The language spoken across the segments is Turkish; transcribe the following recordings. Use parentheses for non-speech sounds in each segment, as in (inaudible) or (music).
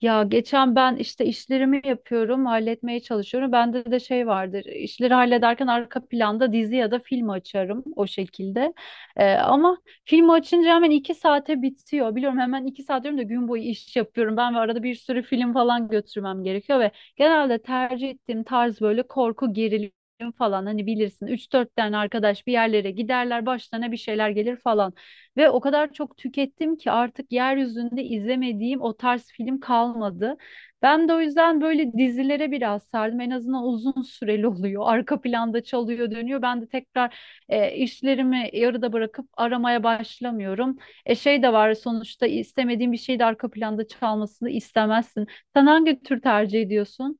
Ya geçen ben işte işlerimi yapıyorum, halletmeye çalışıyorum. Bende de şey vardır. İşleri hallederken arka planda dizi ya da film açarım o şekilde. Ama filmi açınca hemen 2 saate bitiyor. Biliyorum hemen 2 saat diyorum da gün boyu iş yapıyorum. Ben ve arada bir sürü film falan götürmem gerekiyor ve genelde tercih ettiğim tarz böyle korku gerilim falan hani bilirsin üç dört tane arkadaş bir yerlere giderler başlarına bir şeyler gelir falan. Ve o kadar çok tükettim ki artık yeryüzünde izlemediğim o tarz film kalmadı. Ben de o yüzden böyle dizilere biraz sardım. En azından uzun süreli (laughs) oluyor. Arka planda çalıyor, dönüyor. Ben de tekrar işlerimi yarıda bırakıp aramaya başlamıyorum. Şey de var, sonuçta istemediğin bir şey de arka planda çalmasını istemezsin. Sen hangi tür tercih ediyorsun?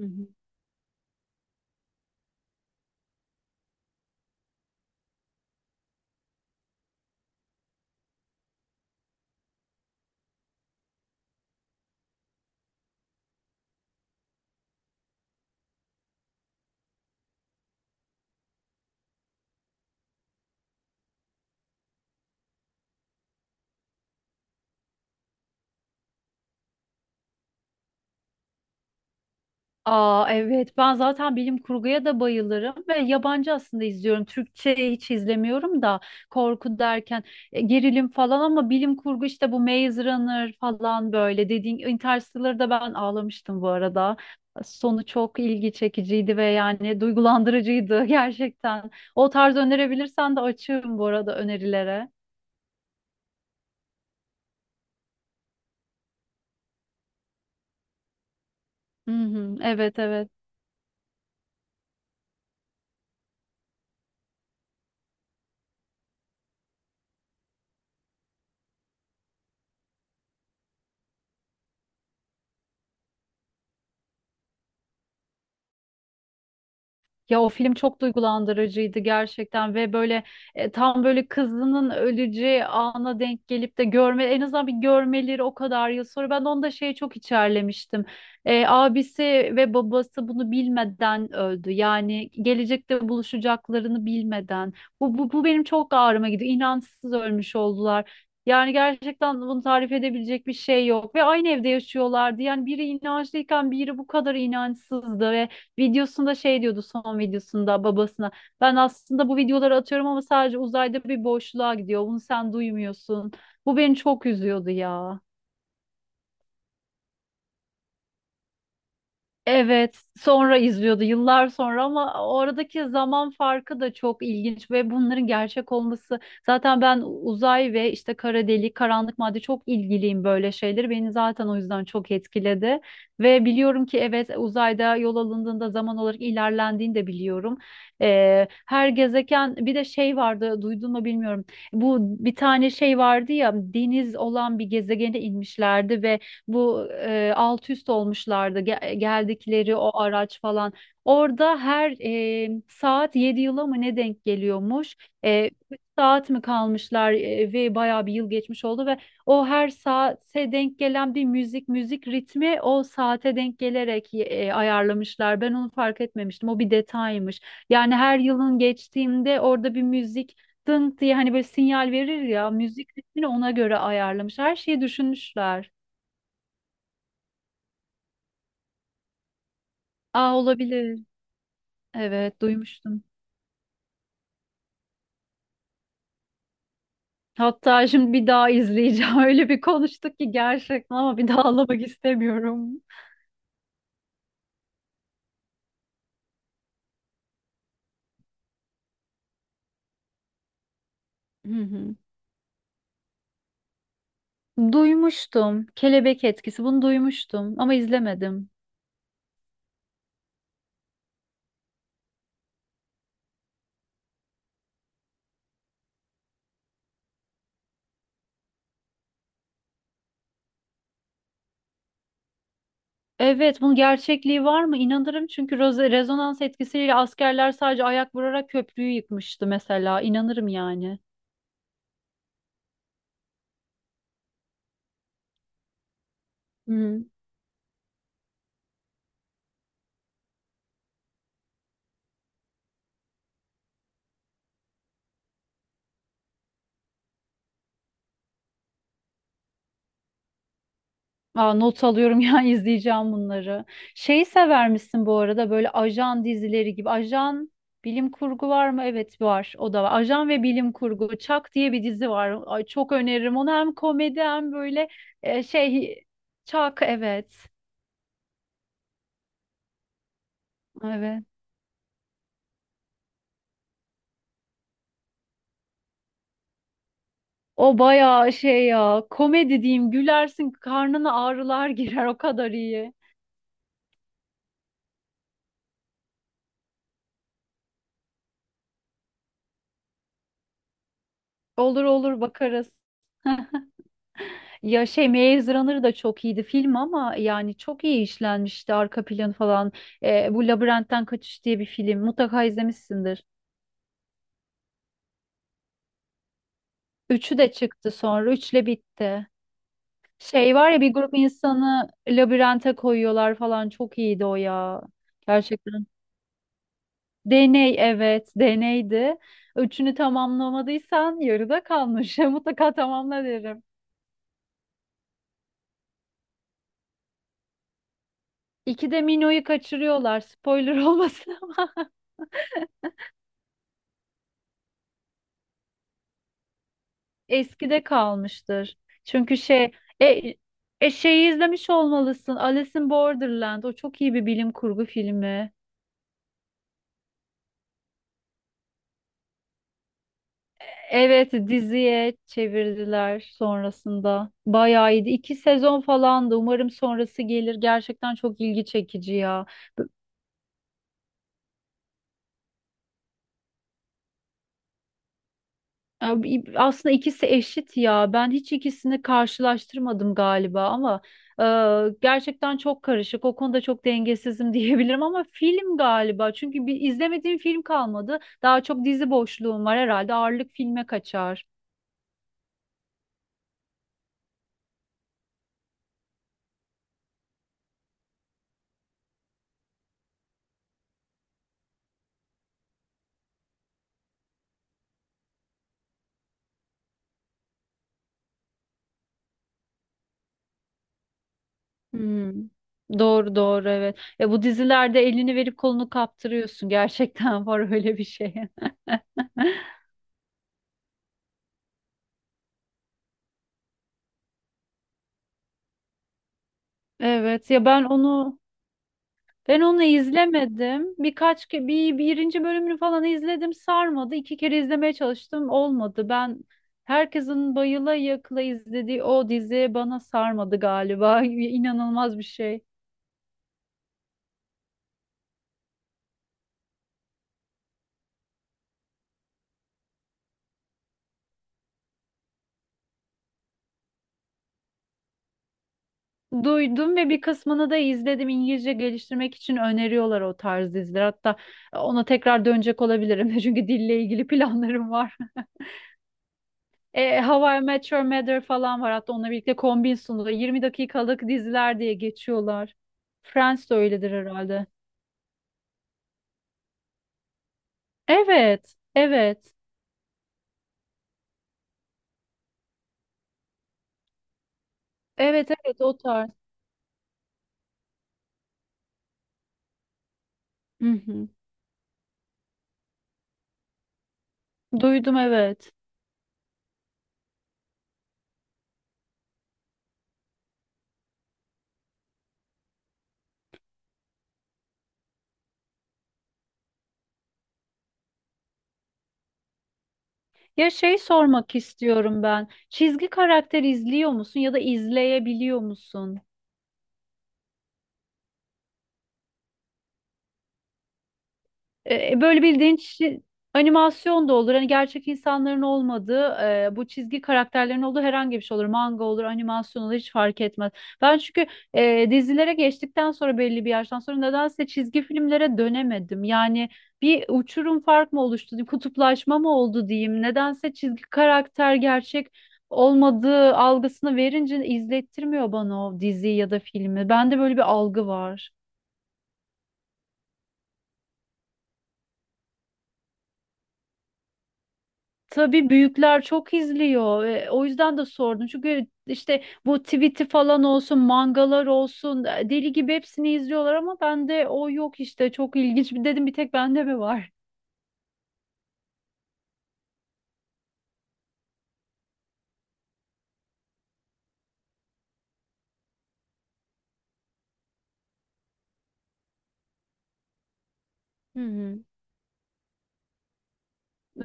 Hı hı. Aa, evet, ben zaten bilim kurguya da bayılırım ve yabancı aslında izliyorum. Türkçe hiç izlemiyorum da korku derken gerilim falan ama bilim kurgu işte bu Maze Runner falan böyle dediğin Interstellar'da ben ağlamıştım bu arada. Sonu çok ilgi çekiciydi ve yani duygulandırıcıydı (laughs) gerçekten. O tarz önerebilirsen de açığım bu arada önerilere. Hı hı, evet, evet. Ya o film çok duygulandırıcıydı gerçekten ve böyle tam böyle kızının öleceği ana denk gelip de görme, en azından bir görmeleri o kadar yıl sonra, ben de onu da şeye çok içerlemiştim. Abisi ve babası bunu bilmeden öldü. Yani gelecekte buluşacaklarını bilmeden. Bu benim çok ağrıma gidiyor. İnançsız ölmüş oldular. Yani gerçekten bunu tarif edebilecek bir şey yok ve aynı evde yaşıyorlardı. Yani biri inançlıyken biri bu kadar inançsızdı. Videosunda şey diyordu, son videosunda babasına. Ben aslında bu videoları atıyorum ama sadece uzayda bir boşluğa gidiyor. Bunu sen duymuyorsun. Bu beni çok üzüyordu ya. Evet, sonra izliyordu yıllar sonra ama oradaki zaman farkı da çok ilginç ve bunların gerçek olması. Zaten ben uzay ve işte kara delik, karanlık madde, çok ilgiliyim böyle şeyleri. Beni zaten o yüzden çok etkiledi. Ve biliyorum ki, evet, uzayda yol alındığında zaman olarak ilerlendiğini de biliyorum. Her gezegen, bir de şey vardı, duydun mu bilmiyorum. Bu, bir tane şey vardı ya, deniz olan bir gezegene inmişlerdi ve bu alt üst olmuşlardı. Geldikleri o araç falan. Orada her saat 7 yıla mı ne denk geliyormuş? Üç saat mi kalmışlar ve bayağı bir yıl geçmiş oldu ve o her saate denk gelen bir müzik ritmi, o saate denk gelerek ayarlamışlar. Ben onu fark etmemiştim. O bir detaymış. Yani her yılın geçtiğinde orada bir müzik dınk diye, hani böyle sinyal verir ya, müzik ritmini ona göre ayarlamış. Her şeyi düşünmüşler. Aa, olabilir. Evet, duymuştum. Hatta şimdi bir daha izleyeceğim. (laughs) Öyle bir konuştuk ki gerçekten, ama bir daha ağlamak istemiyorum. Hı hı. Duymuştum. Kelebek etkisi. Bunu duymuştum ama izlemedim. Evet, bunun gerçekliği var mı? İnanırım, çünkü rezonans etkisiyle askerler sadece ayak vurarak köprüyü yıkmıştı mesela. İnanırım yani. Hı. Aa, not alıyorum (laughs) ya, izleyeceğim bunları. Şeyi sever misin bu arada, böyle ajan dizileri gibi? Ajan bilim kurgu var mı? Evet, var. O da var. Ajan ve bilim kurgu. Çak diye bir dizi var. Ay, çok öneririm. Onu hem komedi hem böyle şey. Çak, evet. Evet. O bayağı şey ya, komedi diyeyim, gülersin, karnına ağrılar (laughs) girer, o kadar iyi. Olur olur, bakarız. Ya şey, Maze Runner da çok iyiydi film, ama yani çok iyi işlenmişti arka planı falan. Bu Labirentten Kaçış diye bir film, mutlaka izlemişsindir. Üçü de çıktı, sonra üçle bitti. Şey var ya, bir grup insanı labirente koyuyorlar falan, çok iyiydi o ya. Gerçekten. Deney, evet, deneydi. Üçünü tamamlamadıysan yarıda kalmış. (laughs) Mutlaka tamamla derim. İkide Mino'yu kaçırıyorlar. Spoiler (laughs) olmasın. Eskide kalmıştır. Çünkü e, şeyi izlemiş olmalısın. Alice in Borderland. O çok iyi bir bilim kurgu filmi. Evet, diziye çevirdiler sonrasında. Bayağı iyiydi. İki sezon falandı. Umarım sonrası gelir. Gerçekten çok ilgi çekici ya. Abi, aslında ikisi eşit ya. Ben hiç ikisini karşılaştırmadım galiba, ama gerçekten çok karışık. O konuda çok dengesizim (laughs) diyebilirim, ama film galiba. Çünkü bir izlemediğim film kalmadı. Daha çok dizi boşluğum var herhalde. Ağırlık filme kaçar. Hmm. Doğru doğru, evet. Ya bu dizilerde elini verip kolunu kaptırıyorsun. (laughs) Gerçekten var öyle bir şey. (laughs) Evet ya, ben onu izlemedim. Birkaç ke bir birinci bölümünü falan izledim. Sarmadı. İki kere izlemeye çalıştım. Olmadı. Ben herkesin bayıla yakla izlediği o dizi bana sarmadı galiba. (laughs) İnanılmaz bir şey. Duydum ve bir kısmını da izledim. İngilizce geliştirmek için öneriyorlar o tarz diziler. Hatta ona tekrar dönecek olabilirim. (laughs) Çünkü dille ilgili planlarım var. How I Met Your Mother falan var. Hatta onunla birlikte kombin sunuyor. 20 dakikalık diziler diye geçiyorlar. Friends de öyledir herhalde. Evet, evet. Evet, evet, o tarz. Hı hı. Duydum, evet. Ya şey, sormak istiyorum ben. Çizgi karakter izliyor musun, ya da izleyebiliyor musun? Böyle bildiğin animasyon da olur. Hani gerçek insanların olmadığı, bu çizgi karakterlerin olduğu herhangi bir şey olur. Manga olur, animasyon olur, hiç fark etmez. Ben çünkü dizilere geçtikten sonra, belli bir yaştan sonra, nedense çizgi filmlere dönemedim. Yani bir uçurum fark mı oluştu, kutuplaşma mı oldu diyeyim. Nedense çizgi karakter gerçek olmadığı algısını verince izlettirmiyor bana o diziyi ya da filmi. Bende böyle bir algı var. Tabii büyükler çok izliyor ve o yüzden de sordum. Çünkü işte bu tweet'i falan olsun, mangalar olsun, deli gibi hepsini izliyorlar ama bende o yok işte. Çok ilginç. Dedim, bir tek bende mi var? Hı hı.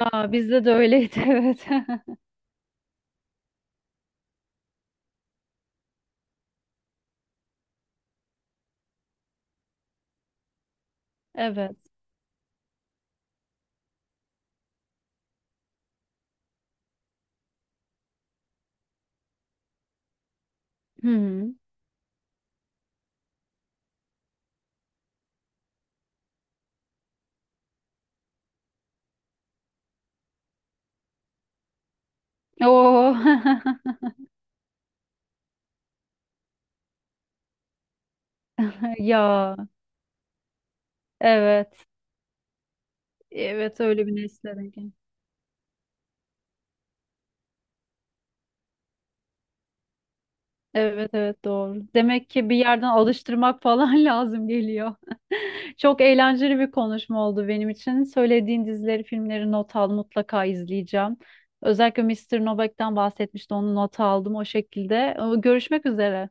Aa, bizde de öyleydi (laughs) evet. (laughs) Evet. Hı hı. Oo. (laughs) Ya. Evet. Evet, öyle bir nesle denk geldik. Evet, evet, doğru. Demek ki bir yerden alıştırmak falan (laughs) lazım geliyor. Çok eğlenceli bir konuşma oldu benim için. Söylediğin dizileri, filmleri not al, mutlaka izleyeceğim. Özellikle Mister Novak'tan bahsetmişti, onu not aldım o şekilde. Görüşmek üzere.